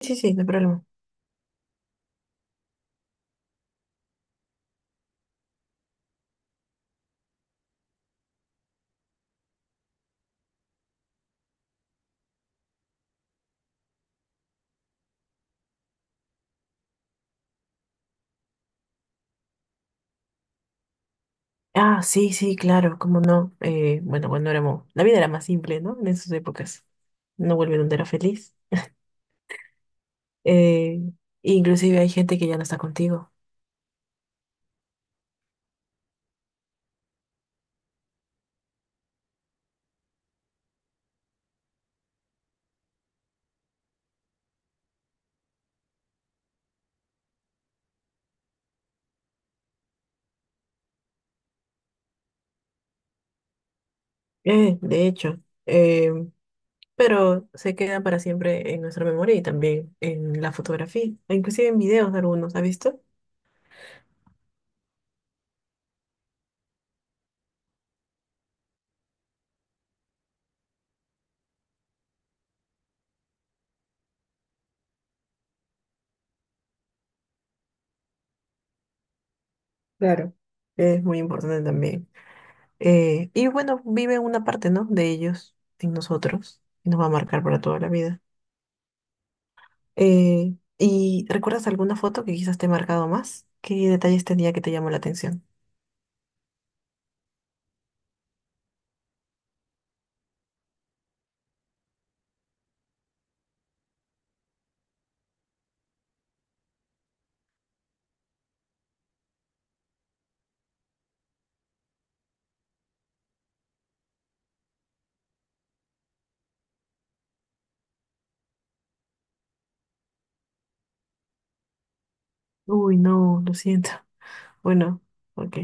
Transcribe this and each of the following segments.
Sí, sí, no hay problema. Ah, sí, sí, claro, cómo no. Bueno, cuando éramos, la vida era más simple, ¿no? En esas épocas. No vuelve donde era feliz. Eh, inclusive hay gente que ya no está contigo. De hecho. Eh, pero se quedan para siempre en nuestra memoria y también en la fotografía, e inclusive en videos algunos, ¿has visto? Claro. Es muy importante también. Y bueno, vive una parte, ¿no? De ellos en nosotros y nos va a marcar para toda la vida. ¿Y recuerdas alguna foto que quizás te ha marcado más? ¿Qué detalles tenía que te llamó la atención? Uy, no, lo siento. Bueno, ok.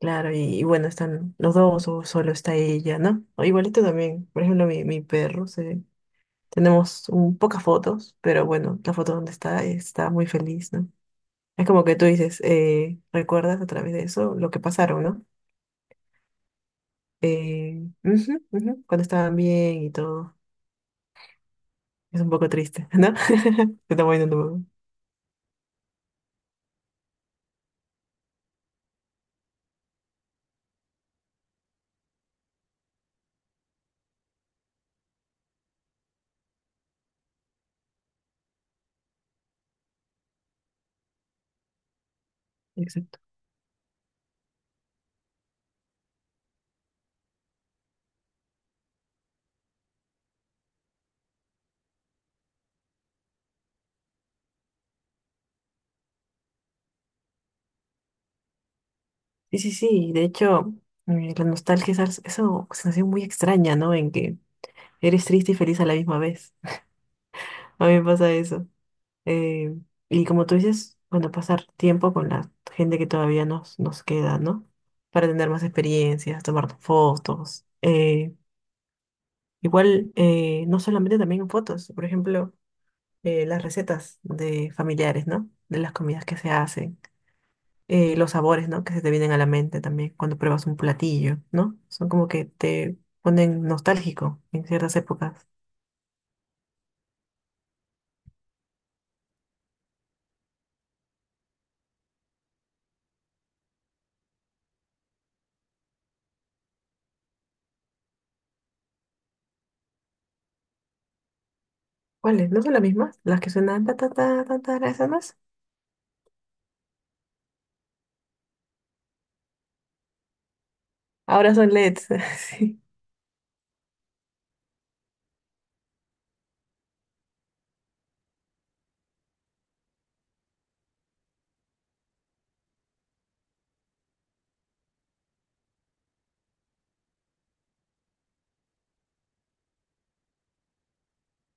Claro, y bueno, están los dos o solo está ella, ¿no? O igualito también, por ejemplo, mi perro, tenemos un, pocas fotos, pero bueno, la foto donde está muy feliz, ¿no? Es como que tú dices, ¿recuerdas a través de eso lo que pasaron, ¿no? Ujú, ujú, cuando estaban bien y todo. Es un poco triste, ¿no? Se está moviendo todo. Exacto. Sí, sí, sí. De hecho, la nostalgia es esa sensación muy extraña, ¿no? En que eres triste y feliz a la misma vez. A mí me pasa eso. Eh, y como tú dices, bueno, pasar tiempo con la gente que todavía nos queda, ¿no? Para tener más experiencias, tomar fotos. Igual, no solamente también fotos. Por ejemplo. Las recetas de familiares, ¿no? De las comidas que se hacen, los sabores, ¿no? Que se te vienen a la mente también cuando pruebas un platillo, ¿no? Son como que te ponen nostálgico en ciertas épocas. ¿Cuáles? ¿No son las mismas? Las que suenan ta ta ta ta ta, ¿esas no es? Ahora son LEDs, sí.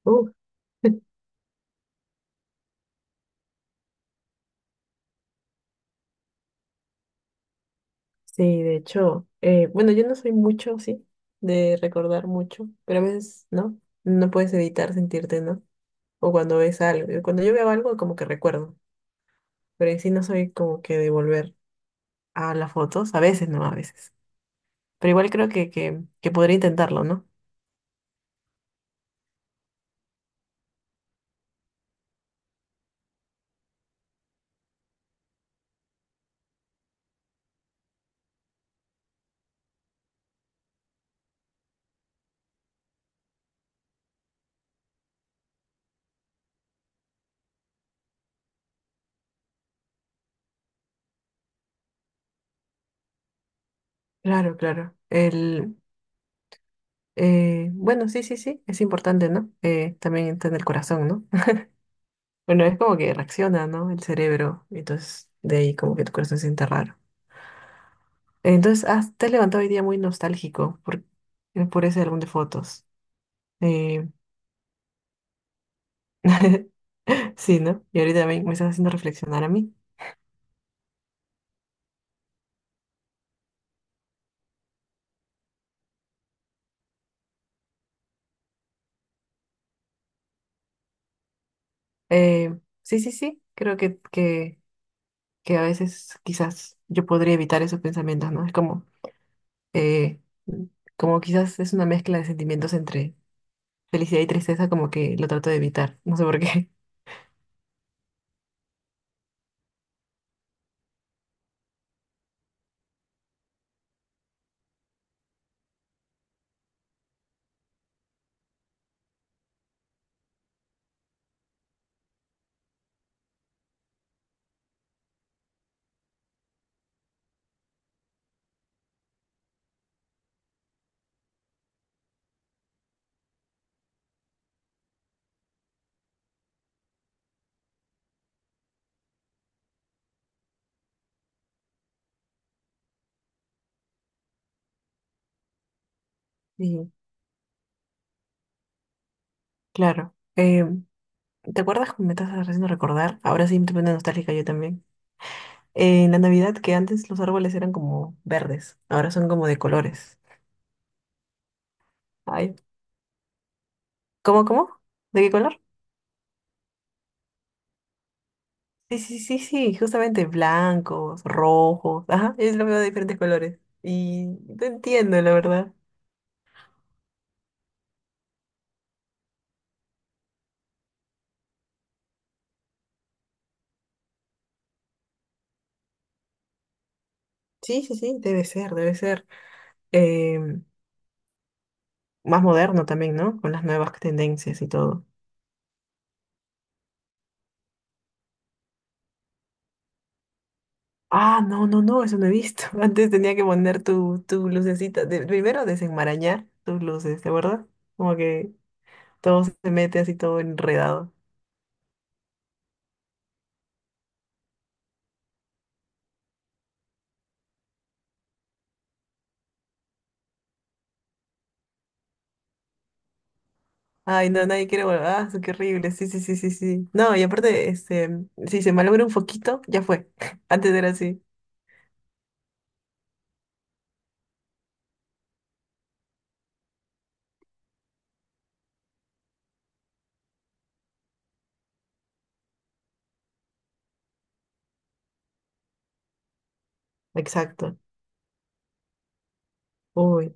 Uf. Sí, de hecho, bueno, yo no soy mucho, sí, de recordar mucho, pero a veces, ¿no? No puedes evitar sentirte, ¿no? O cuando ves algo, cuando yo veo algo, como que recuerdo. Pero en sí no soy como que de volver a las fotos, a veces no, a veces. Pero igual creo que podría intentarlo, ¿no? Claro, claro. El, bueno, sí, sí, sí, es importante, ¿no? También está en el corazón, ¿no? Bueno, es como que reacciona, ¿no? El cerebro, entonces de ahí como que tu corazón se siente raro. Entonces, ah, te has levantado hoy día muy nostálgico por ese álbum de fotos. Eh, sí, ¿no? Y ahorita me estás haciendo reflexionar a mí. Eh, sí, sí, sí, creo que a veces quizás yo podría evitar esos pensamientos, ¿no? Es como, eh, como quizás es una mezcla de sentimientos entre felicidad y tristeza, como que lo trato de evitar, no sé por qué. Y claro, ¿te acuerdas cómo me estás haciendo recordar? Ahora sí me estoy poniendo nostálgica yo también. En la Navidad, que antes los árboles eran como verdes, ahora son como de colores. Ay, ¿cómo, cómo? ¿De qué color? Sí, sí, sí, sí, justamente blancos, rojos, ajá, es lo veo de diferentes colores. Y no entiendo, la verdad. Sí, sí, sí, debe ser, debe ser. em, más moderno también, ¿no? Con las nuevas tendencias y todo. Ah, no, no, no, eso no he visto. Antes tenía que poner tu lucecita. Primero desenmarañar tus luces, ¿te acuerdas? Como que todo se mete así todo enredado. Ay, no, nadie quiere volver. Ah, qué horrible. Sí, sí, sí, sí, sí. No, y aparte, este, si se malogra un foquito, ya fue. Antes era así. Exacto. Uy.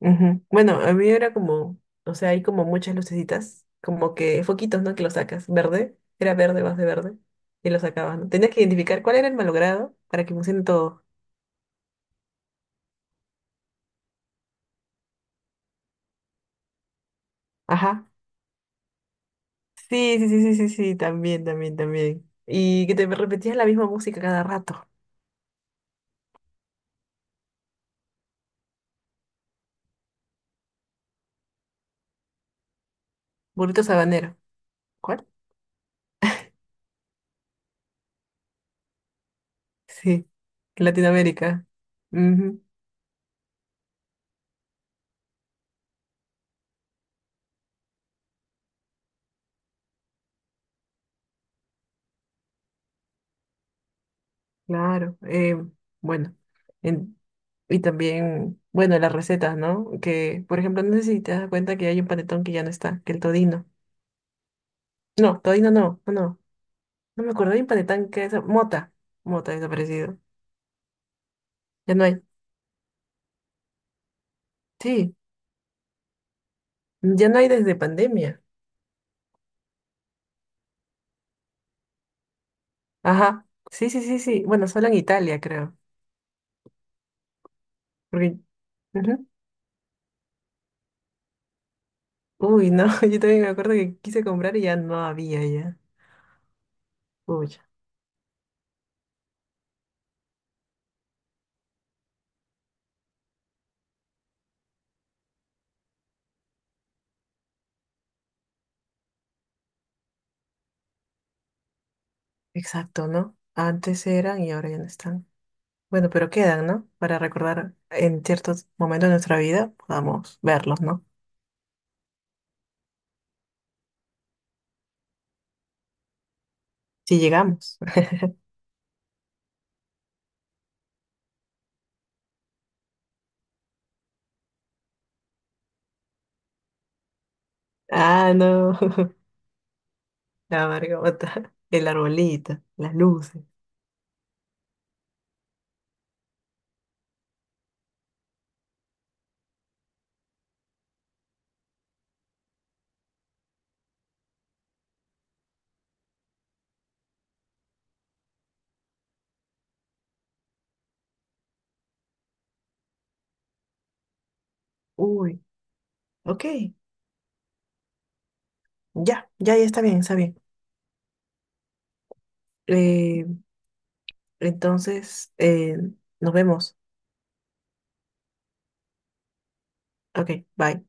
Ujú. Bueno, a mí era como, o sea, hay como muchas lucecitas, como que foquitos, ¿no? Que lo sacas, verde, era verde, vas de verde, y lo sacabas, ¿no? Tenías que identificar cuál era el malogrado para que funcione todo. Ajá. Sí, sí, sí, sí, sí, sí, también, también, también. Y que te repetías la misma música cada rato. Burrito Sabanero. ¿Cuál? Sí, Latinoamérica. Claro, bueno, en- y también, bueno, las recetas, ¿no? Que, por ejemplo, no sé si te das cuenta que hay un panetón que ya no está, que el todino. No, todino no, no, no, no me acuerdo, hay un panetón que es mota, mota desaparecido. Ya no hay, sí, ya no hay desde pandemia. Ajá, sí, sí, sí, sí, bueno, solo en Italia, creo. Porque, ujú. Uy, no, yo también me acuerdo que quise comprar y ya no había ya. Uy, exacto, ¿no? Antes eran y ahora ya no están. Bueno, pero quedan, ¿no? Para recordar en ciertos momentos de nuestra vida, podamos verlos, ¿no? Si llegamos. Ah, no. La margota, el arbolito, las luces. Uy, ok. Ya, ya, ya está bien, está bien. Eh, entonces, nos vemos. Ok, bye.